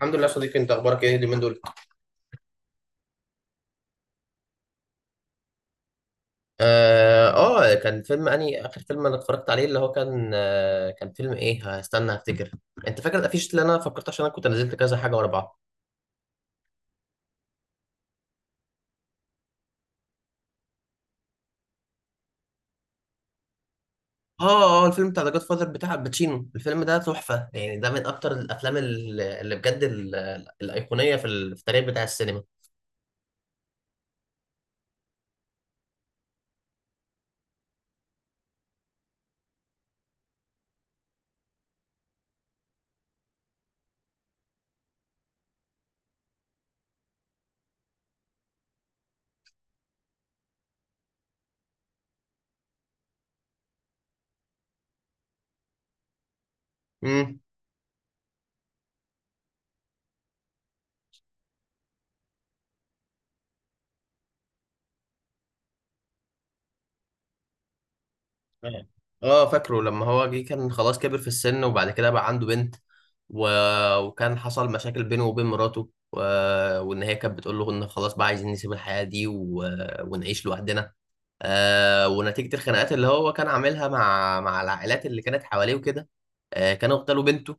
الحمد لله يا صديقي، انت اخبارك ايه اليومين دول؟ كان فيلم اني اخر فيلم انا اتفرجت عليه اللي هو كان كان فيلم ايه، هستنى هفتكر. انت فاكر الافيش اللي انا فكرت، عشان انا كنت نزلت كذا حاجه ورا بعض؟ اه الفيلم بتاع ذا جاد فاذر بتاع الباتشينو، الفيلم ده تحفه، يعني ده من اكتر الافلام اللي بجد الايقونيه في في التاريخ بتاع السينما. اه. فاكره لما هو جه كان خلاص كبر في السن، وبعد كده بقى عنده بنت، و... وكان حصل مشاكل بينه وبين مراته، وان هي كانت بتقول له ان خلاص بقى عايزين نسيب الحياة دي، ونعيش لوحدنا. ونتيجة الخناقات اللي هو كان عاملها مع العائلات اللي كانت حواليه وكده، كانوا اغتالوا بنته.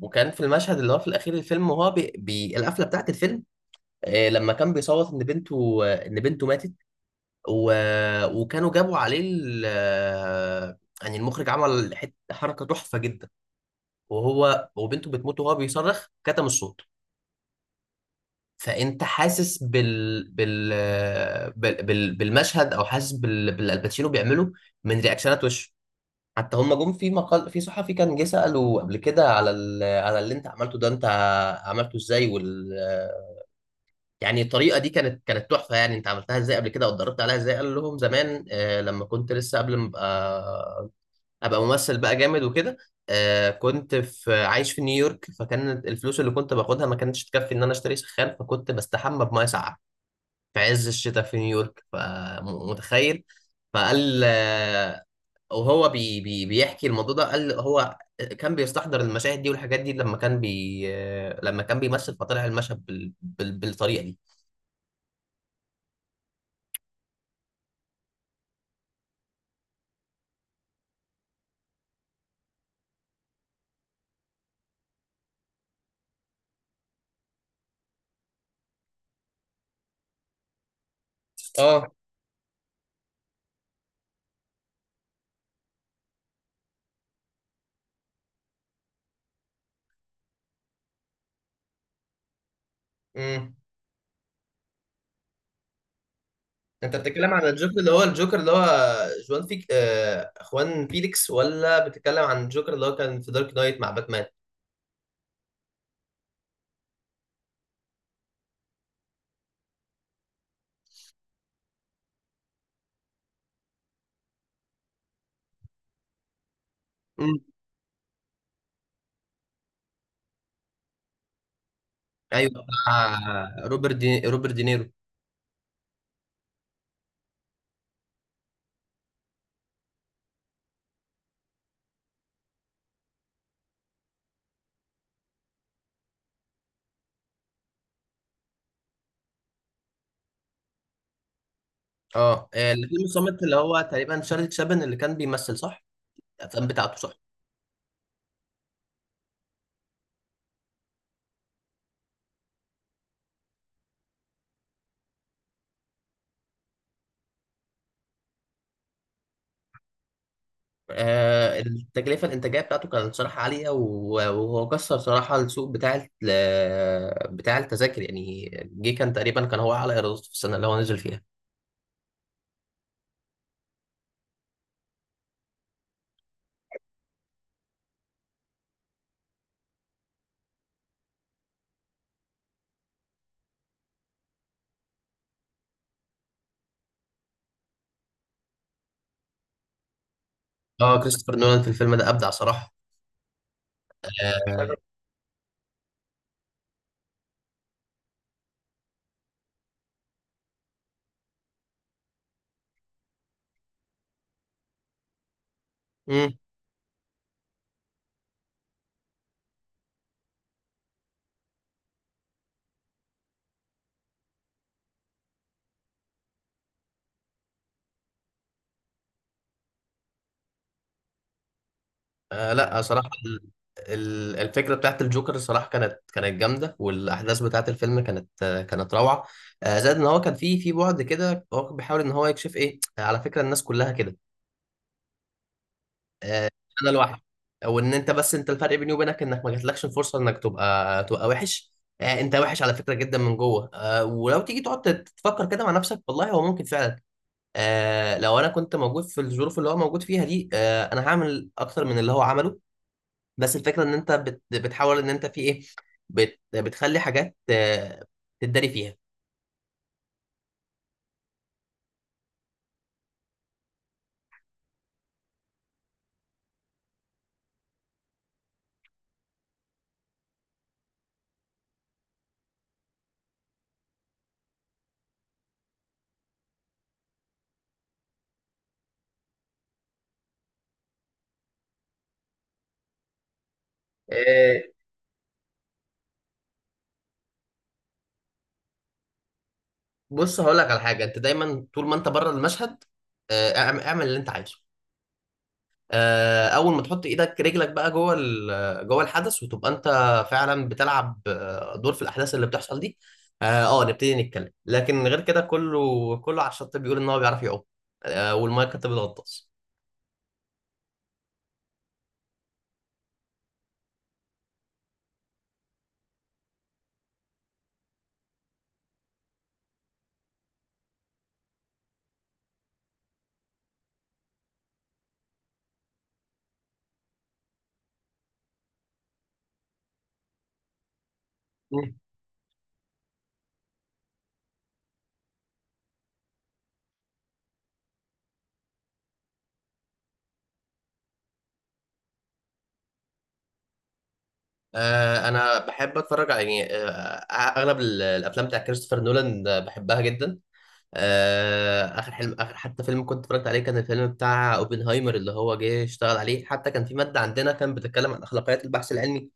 وكان في المشهد اللي هو في الاخير الفيلم، وهو القفلة بتاعت الفيلم، لما كان بيصوت ان بنته ان بنته ماتت، و... وكانوا جابوا عليه ال... يعني المخرج عمل حته حركه تحفه جدا، وهو وبنته بتموت وهو بيصرخ كتم الصوت، فانت حاسس بالمشهد او حاسس بالالباتشينو بيعمله من رياكشنات وشه. حتى هم جم في مقال في صحفي كان جه سأله قبل كده على اللي انت عملته ده، انت عملته ازاي، يعني الطريقه دي كانت تحفه، يعني انت عملتها ازاي قبل كده، او اتدربت عليها ازاي؟ قال لهم زمان، لما كنت لسه قبل ما ابقى ممثل بقى جامد وكده، كنت في عايش في نيويورك، فكان الفلوس اللي كنت باخدها ما كانتش تكفي ان انا اشتري سخان، فكنت بستحمى بميه ساقعه في عز الشتاء في نيويورك، فمتخيل. فقال وهو بي بي بيحكي الموضوع ده، قال هو كان بيستحضر المشاهد دي والحاجات دي لما كان بيمثل، فطلع المشهد بالطريقه دي. اه. امم. انت بتتكلم عن الجوكر اللي هو جوان فيك، اخوان فيليكس، ولا بتتكلم عن الجوكر اللي هو كان في دارك نايت مع باتمان؟ مم. ايوه، بتاع روبرت دينيرو. اللي في المصمت اللي هو تقريبا شارلي تشابن اللي كان بيمثل، صح؟ الافلام بتاعته، صح. التكلفه الانتاجيه بتاعته كانت صراحه عاليه، وهو كسر صراحه السوق بتاع التذاكر، يعني جه كان تقريبا كان هو اعلى ايرادات في السنه اللي هو نزل فيها. اه كريستوفر نولان في الفيلم ده ابدع صراحه. آه. امم. لا صراحة الفكرة بتاعت الجوكر صراحة كانت جامدة، والأحداث بتاعت الفيلم كانت كانت روعة. زائد إن هو كان في بعد كده هو كان بيحاول إن هو يكشف إيه، على فكرة الناس كلها كده. آه. أنا لوحدي. وإن أنت، بس أنت، الفرق بيني وبينك إنك ما جاتلكش الفرصة إنك تبقى وحش. أنت وحش على فكرة جدا من جوه، ولو تيجي تقعد تفكر كده مع نفسك، والله هو ممكن فعلا. لو أنا كنت موجود في الظروف اللي هو موجود فيها دي، أنا هعمل أكتر من اللي هو عمله. بس الفكره ان انت بتحاول ان انت في ايه، بتخلي حاجات تتداري فيها. آه، بص هقول لك على حاجه، انت دايما طول ما انت بره المشهد اعمل اللي انت عايزه. اول ما تحط ايدك رجلك بقى جوه جوه الحدث، وتبقى انت فعلا بتلعب دور في الاحداث اللي بتحصل دي. اه. نبتدي نتكلم، لكن غير كده كله على الشط بيقول ان هو بيعرف يعوم، والميه كانت بتغطس. انا بحب اتفرج على، يعني، اغلب الافلام بتاع كريستوفر نولان، بحبها جدا. اخر حتى فيلم كنت اتفرجت عليه كان الفيلم بتاع اوبنهايمر، اللي هو جه اشتغل عليه. حتى كان في ماده عندنا كان بتتكلم عن اخلاقيات البحث العلمي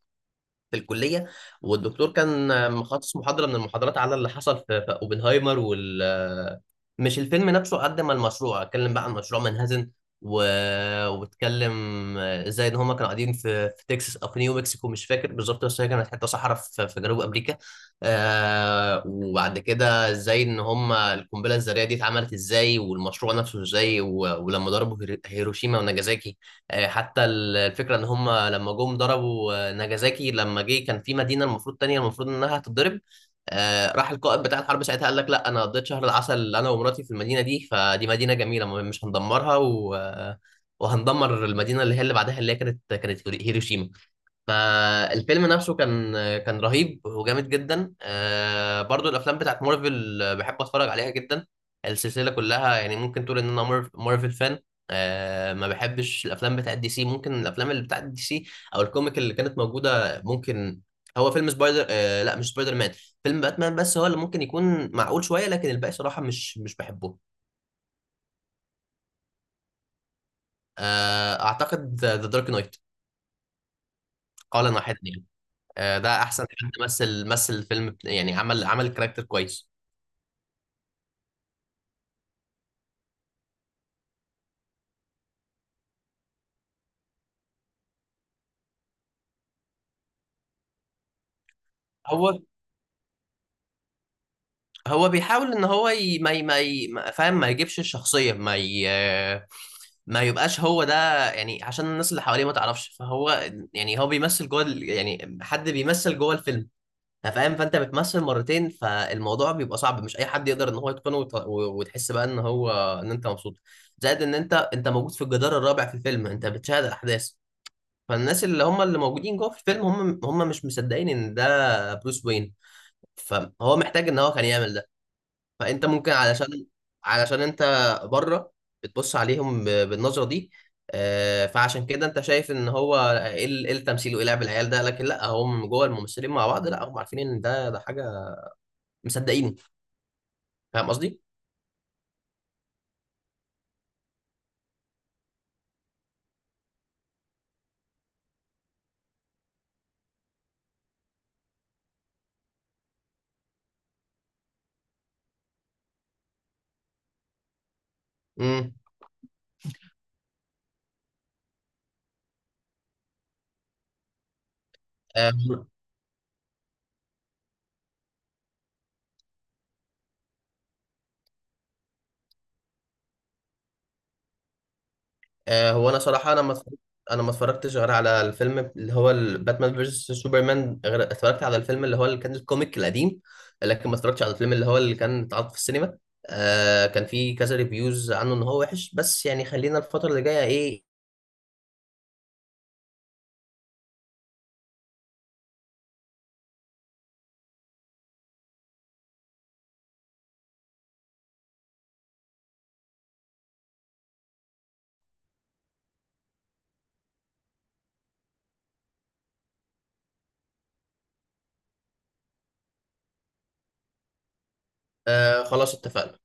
في الكليه، والدكتور كان مخصص محاضره من المحاضرات على اللي حصل في اوبنهايمر مش الفيلم نفسه قد ما المشروع، اتكلم بقى عن مشروع منهزم، و... واتكلم ازاي ان هما كانوا قاعدين في تكساس او في نيو مكسيكو، مش فاكر بالظبط، بس هي كانت حته صحراء في جنوب امريكا. وبعد كده ازاي ان هما القنبله الذريه دي اتعملت ازاي والمشروع نفسه ازاي، ولما ضربوا هيروشيما وناجازاكي. حتى الفكرة ان هم لما جم ضربوا ناجازاكي، لما جه كان في مدينة المفروض تانية المفروض انها هتتضرب، راح القائد بتاع الحرب ساعتها قال لك لا، انا قضيت شهر العسل انا ومراتي في المدينة دي، فدي مدينة جميلة مش هندمرها، و... آه، وهندمر المدينة اللي هي اللي بعدها، اللي هي كانت هيروشيما. فالفيلم نفسه كان رهيب وجامد جدا. برضو الافلام بتاعت مارفل بحب اتفرج عليها جدا، السلسله كلها، يعني ممكن تقول ان انا مارفل فان. ما بحبش الافلام بتاعت دي سي، ممكن الافلام اللي بتاعت دي سي او الكوميك اللي كانت موجوده، ممكن هو فيلم سبايدر آه، لا، مش سبايدر مان، فيلم باتمان، بس هو اللي ممكن يكون معقول شويه، لكن الباقي صراحه مش بحبه. اعتقد ذا دارك نايت قال واحد. ده احسن حد مثل الفيلم يعني عمل الكاركتر كويس. هو هو بيحاول ان هو ي... ما ي... ما ي... ما- فاهم، ما يجيبش الشخصيه، ما يبقاش هو ده، يعني عشان الناس اللي حواليه ما تعرفش، فهو يعني هو بيمثل جوه يعني حد بيمثل جوه الفيلم، فاهم، فانت بتمثل مرتين، فالموضوع بيبقى صعب، مش اي حد يقدر ان هو يتقنه وتحس بقى ان هو ان انت مبسوط، زائد ان انت موجود في الجدار الرابع في الفيلم، انت بتشاهد الاحداث، فالناس اللي هم اللي موجودين جوه في الفيلم هم مش مصدقين ان ده بروس وين، فهو محتاج ان هو كان يعمل ده. فانت ممكن علشان انت بره بتبص عليهم بالنظره دي، فعشان كده انت شايف ان هو ايه إيه التمثيل وايه لعب العيال ده، لكن لا، هم جوه الممثلين مع بعض، لا، هم عارفين ان ده حاجه مصدقينه. فاهم قصدي؟ امم. آه، هو انا صراحه، انا ما اتفرجتش غير على الفيلم اللي هو باتمان فيرسس سوبرمان، غير اتفرجت على الفيلم اللي هو اللي كان الكوميك القديم، لكن ما اتفرجتش على الفيلم اللي هو اللي كان اتعرض في السينما. كان في كذا ريفيوز عنه ان هو وحش، بس يعني خلينا الفتره اللي جايه ايه. خلاص اتفقنا.